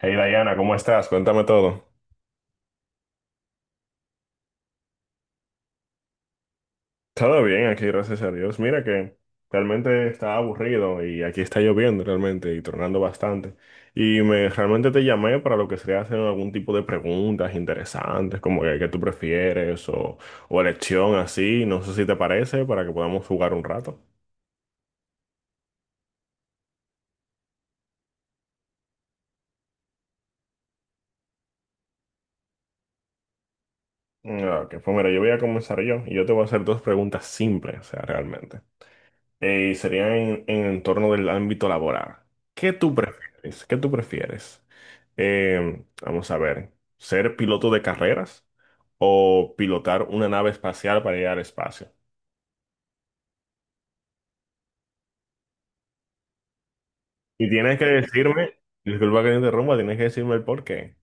Hey Diana, ¿cómo estás? Cuéntame todo. Todo bien aquí, gracias a Dios. Mira que realmente estaba aburrido y aquí está lloviendo realmente y tornando bastante. Y me realmente te llamé para lo que sería hacer algún tipo de preguntas interesantes, como que qué tú prefieres o elección así, no sé si te parece, para que podamos jugar un rato. Ah, ok, pues mira, yo voy a comenzar yo y yo te voy a hacer dos preguntas simples, o sea, realmente. Y serían en torno del ámbito laboral. ¿Qué tú prefieres? ¿Qué tú prefieres? Vamos a ver, ¿ser piloto de carreras o pilotar una nave espacial para ir al espacio? Y tienes que decirme, disculpa que te interrumpa, tienes que decirme el por qué.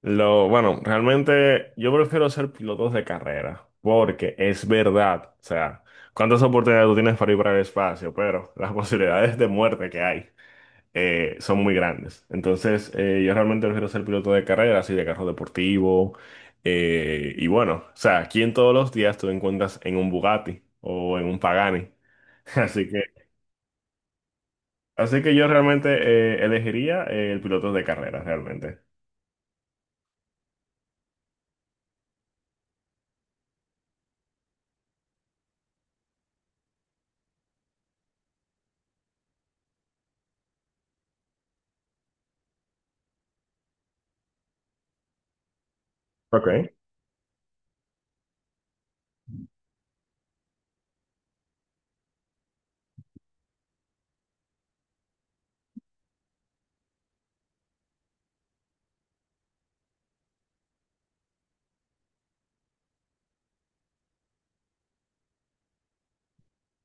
Bueno, realmente yo prefiero ser pilotos de carrera, porque es verdad, o sea, cuántas oportunidades tú tienes para ir para el espacio, pero las posibilidades de muerte que hay. Son muy grandes. Entonces, yo realmente prefiero ser piloto de carrera, así de carro deportivo. Y bueno, o sea, aquí en todos los días tú te encuentras en un Bugatti o en un Pagani. Así que, así que yo realmente elegiría el piloto de carrera, realmente. Ok.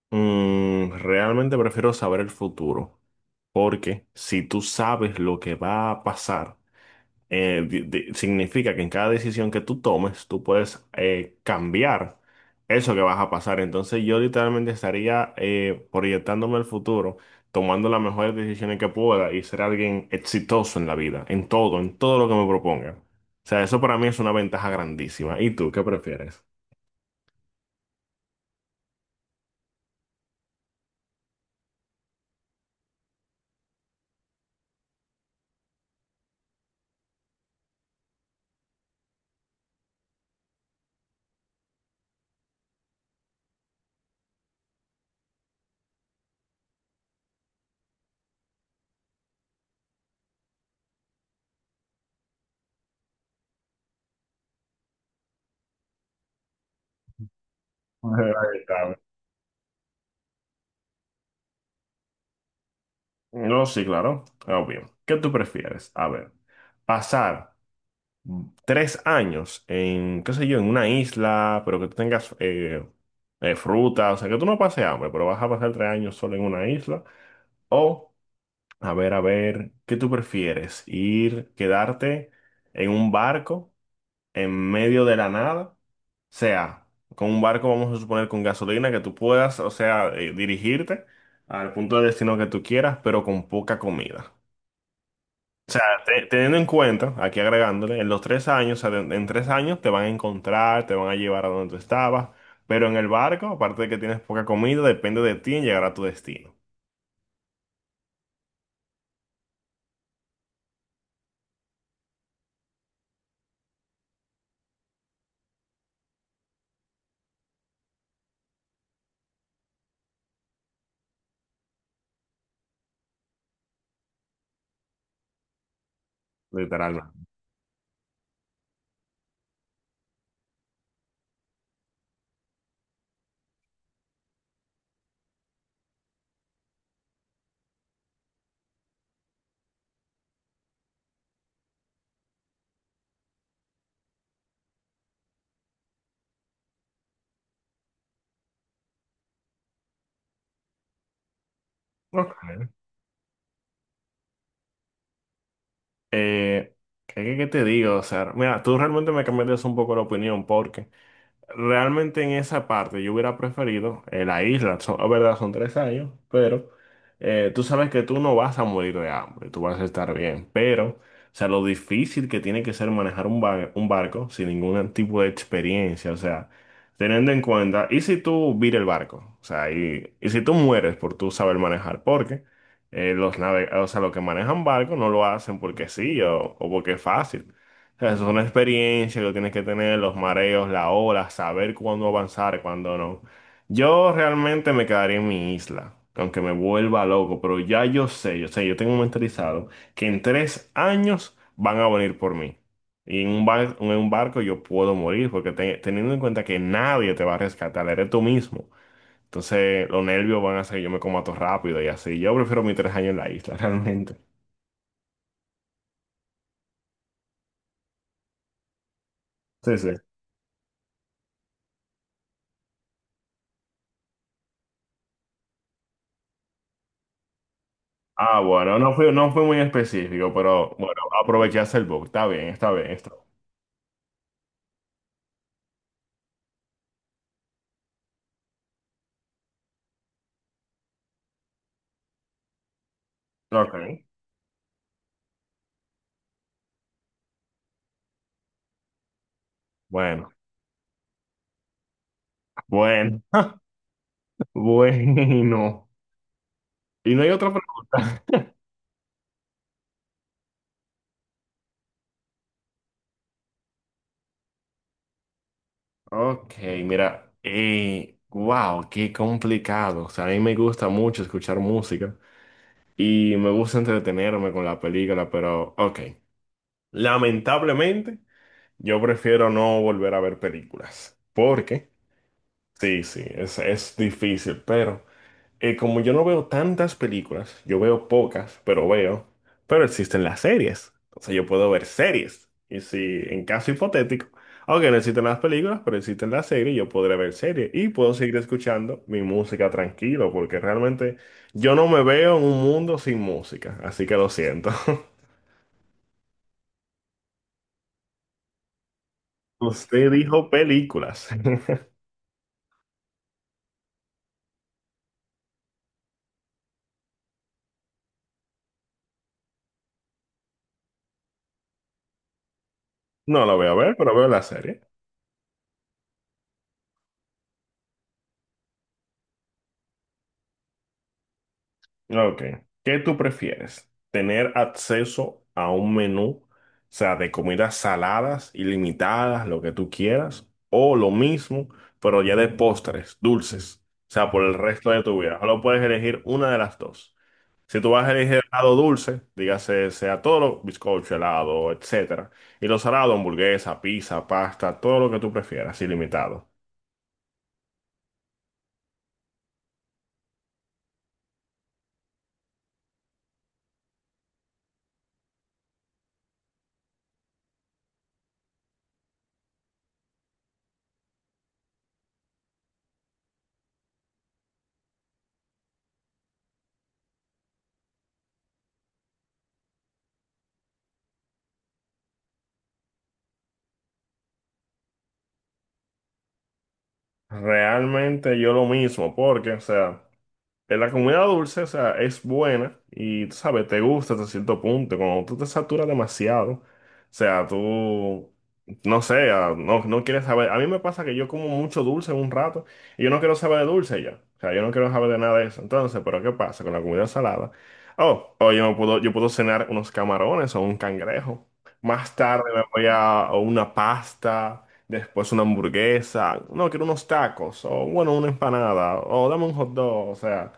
Realmente prefiero saber el futuro, porque si tú sabes lo que va a pasar, significa que en cada decisión que tú tomes, tú puedes cambiar eso que vas a pasar. Entonces yo literalmente estaría proyectándome al futuro, tomando las mejores decisiones que pueda y ser alguien exitoso en la vida, en todo lo que me proponga. O sea, eso para mí es una ventaja grandísima. ¿Y tú qué prefieres? Ahí está. No, sí, claro, obvio. ¿Qué tú prefieres? A ver, pasar 3 años en, qué sé yo, en una isla, pero que tú tengas fruta, o sea, que tú no pases hambre, pero vas a pasar 3 años solo en una isla. O, a ver, ¿qué tú prefieres? ¿Ir, quedarte en un barco en medio de la nada? O sea, con un barco, vamos a suponer, con gasolina, que tú puedas, o sea, dirigirte al punto de destino que tú quieras, pero con poca comida. O sea, teniendo en cuenta, aquí agregándole, en los 3 años, o sea, en 3 años te van a encontrar, te van a llevar a donde tú estabas, pero en el barco, aparte de que tienes poca comida, depende de ti en llegar a tu destino, literalmente. Ok. Eh, ¿qué te digo? O sea, mira, tú realmente me cambiaste un poco la opinión, porque realmente en esa parte yo hubiera preferido la isla, son, es verdad, son 3 años, pero tú sabes que tú no vas a morir de hambre, tú vas a estar bien, pero, o sea, lo difícil que tiene que ser manejar un barco sin ningún tipo de experiencia, o sea, teniendo en cuenta, ¿y si tú vira el barco? O sea, y si tú mueres por tú saber manejar, porque o sea, los que manejan barcos no lo hacen porque sí o porque es fácil. O sea, eso es una experiencia que tienes que tener, los mareos, la ola, saber cuándo avanzar, cuándo no. Yo realmente me quedaría en mi isla, aunque me vuelva loco, pero ya yo sé, yo sé, yo tengo mentalizado que en 3 años van a venir por mí. Y en un barco yo puedo morir, porque teniendo en cuenta que nadie te va a rescatar, eres tú mismo. Entonces los nervios van a hacer que yo me coma todo rápido y así. Yo prefiero mis 3 años en la isla, realmente. Sí, sí. Ah, bueno, no fue muy específico, pero bueno, aprovechaste el book. Está bien, está bien, está bien. Ok. Bueno, bueno, bueno. Y no hay otra pregunta. Ok, mira. Wow, qué complicado. O sea, a mí me gusta mucho escuchar música y me gusta entretenerme con la película, pero ok. Lamentablemente, yo prefiero no volver a ver películas, porque sí, sí, es difícil, pero. Como yo no veo tantas películas, yo veo pocas, pero existen las series. Entonces yo puedo ver series. Y si en caso hipotético, aunque no existen las películas, pero existen las series, yo podré ver series y puedo seguir escuchando mi música tranquilo, porque realmente yo no me veo en un mundo sin música, así que lo siento. Usted dijo películas. No lo voy a ver, pero veo la serie. Ok. ¿Qué tú prefieres? ¿Tener acceso a un menú, o sea, de comidas saladas, ilimitadas, lo que tú quieras, o lo mismo, pero ya de postres, dulces, o sea, por el resto de tu vida? Solo puedes elegir una de las dos. Si tú vas a elegir helado dulce, dígase, sea todo lo bizcocho, helado, etcétera, y lo salado, hamburguesa, pizza, pasta, todo lo que tú prefieras, ilimitado. Realmente yo lo mismo, porque, o sea. La comida dulce, o sea, es buena y, tú sabes, te gusta hasta cierto punto. Cuando tú te saturas demasiado, o sea, tú, no sé, ah, no, no quieres saber. A mí me pasa que yo como mucho dulce un rato y yo no quiero saber de dulce ya. O sea, yo no quiero saber de nada de eso. Entonces, ¿pero qué pasa con la comida salada? Oh, oh, yo puedo cenar unos camarones o un cangrejo. Más tarde me voy a una pasta, después una hamburguesa. No, quiero unos tacos o, bueno, una empanada o dame un hot dog, o sea.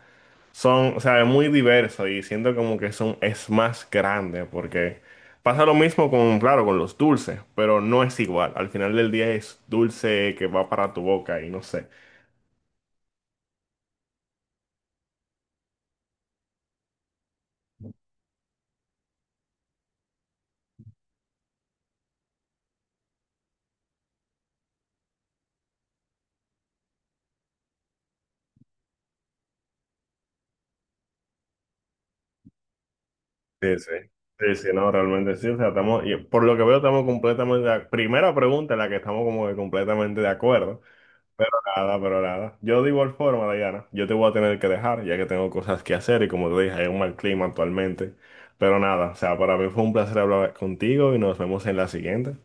Son, o sea, es muy diverso y siento como que son, es más grande porque pasa lo mismo con, claro, con los dulces, pero no es igual. Al final del día es dulce que va para tu boca y no sé. Sí, sí. Sí, sí, no, realmente sí. O sea, estamos, y por lo que veo, estamos completamente, primera pregunta en la que estamos como que completamente de acuerdo. Pero nada, pero nada. Yo de igual forma, Dayana, yo te voy a tener que dejar, ya que tengo cosas que hacer y como te dije, hay un mal clima actualmente. Pero nada, o sea, para mí fue un placer hablar contigo y nos vemos en la siguiente.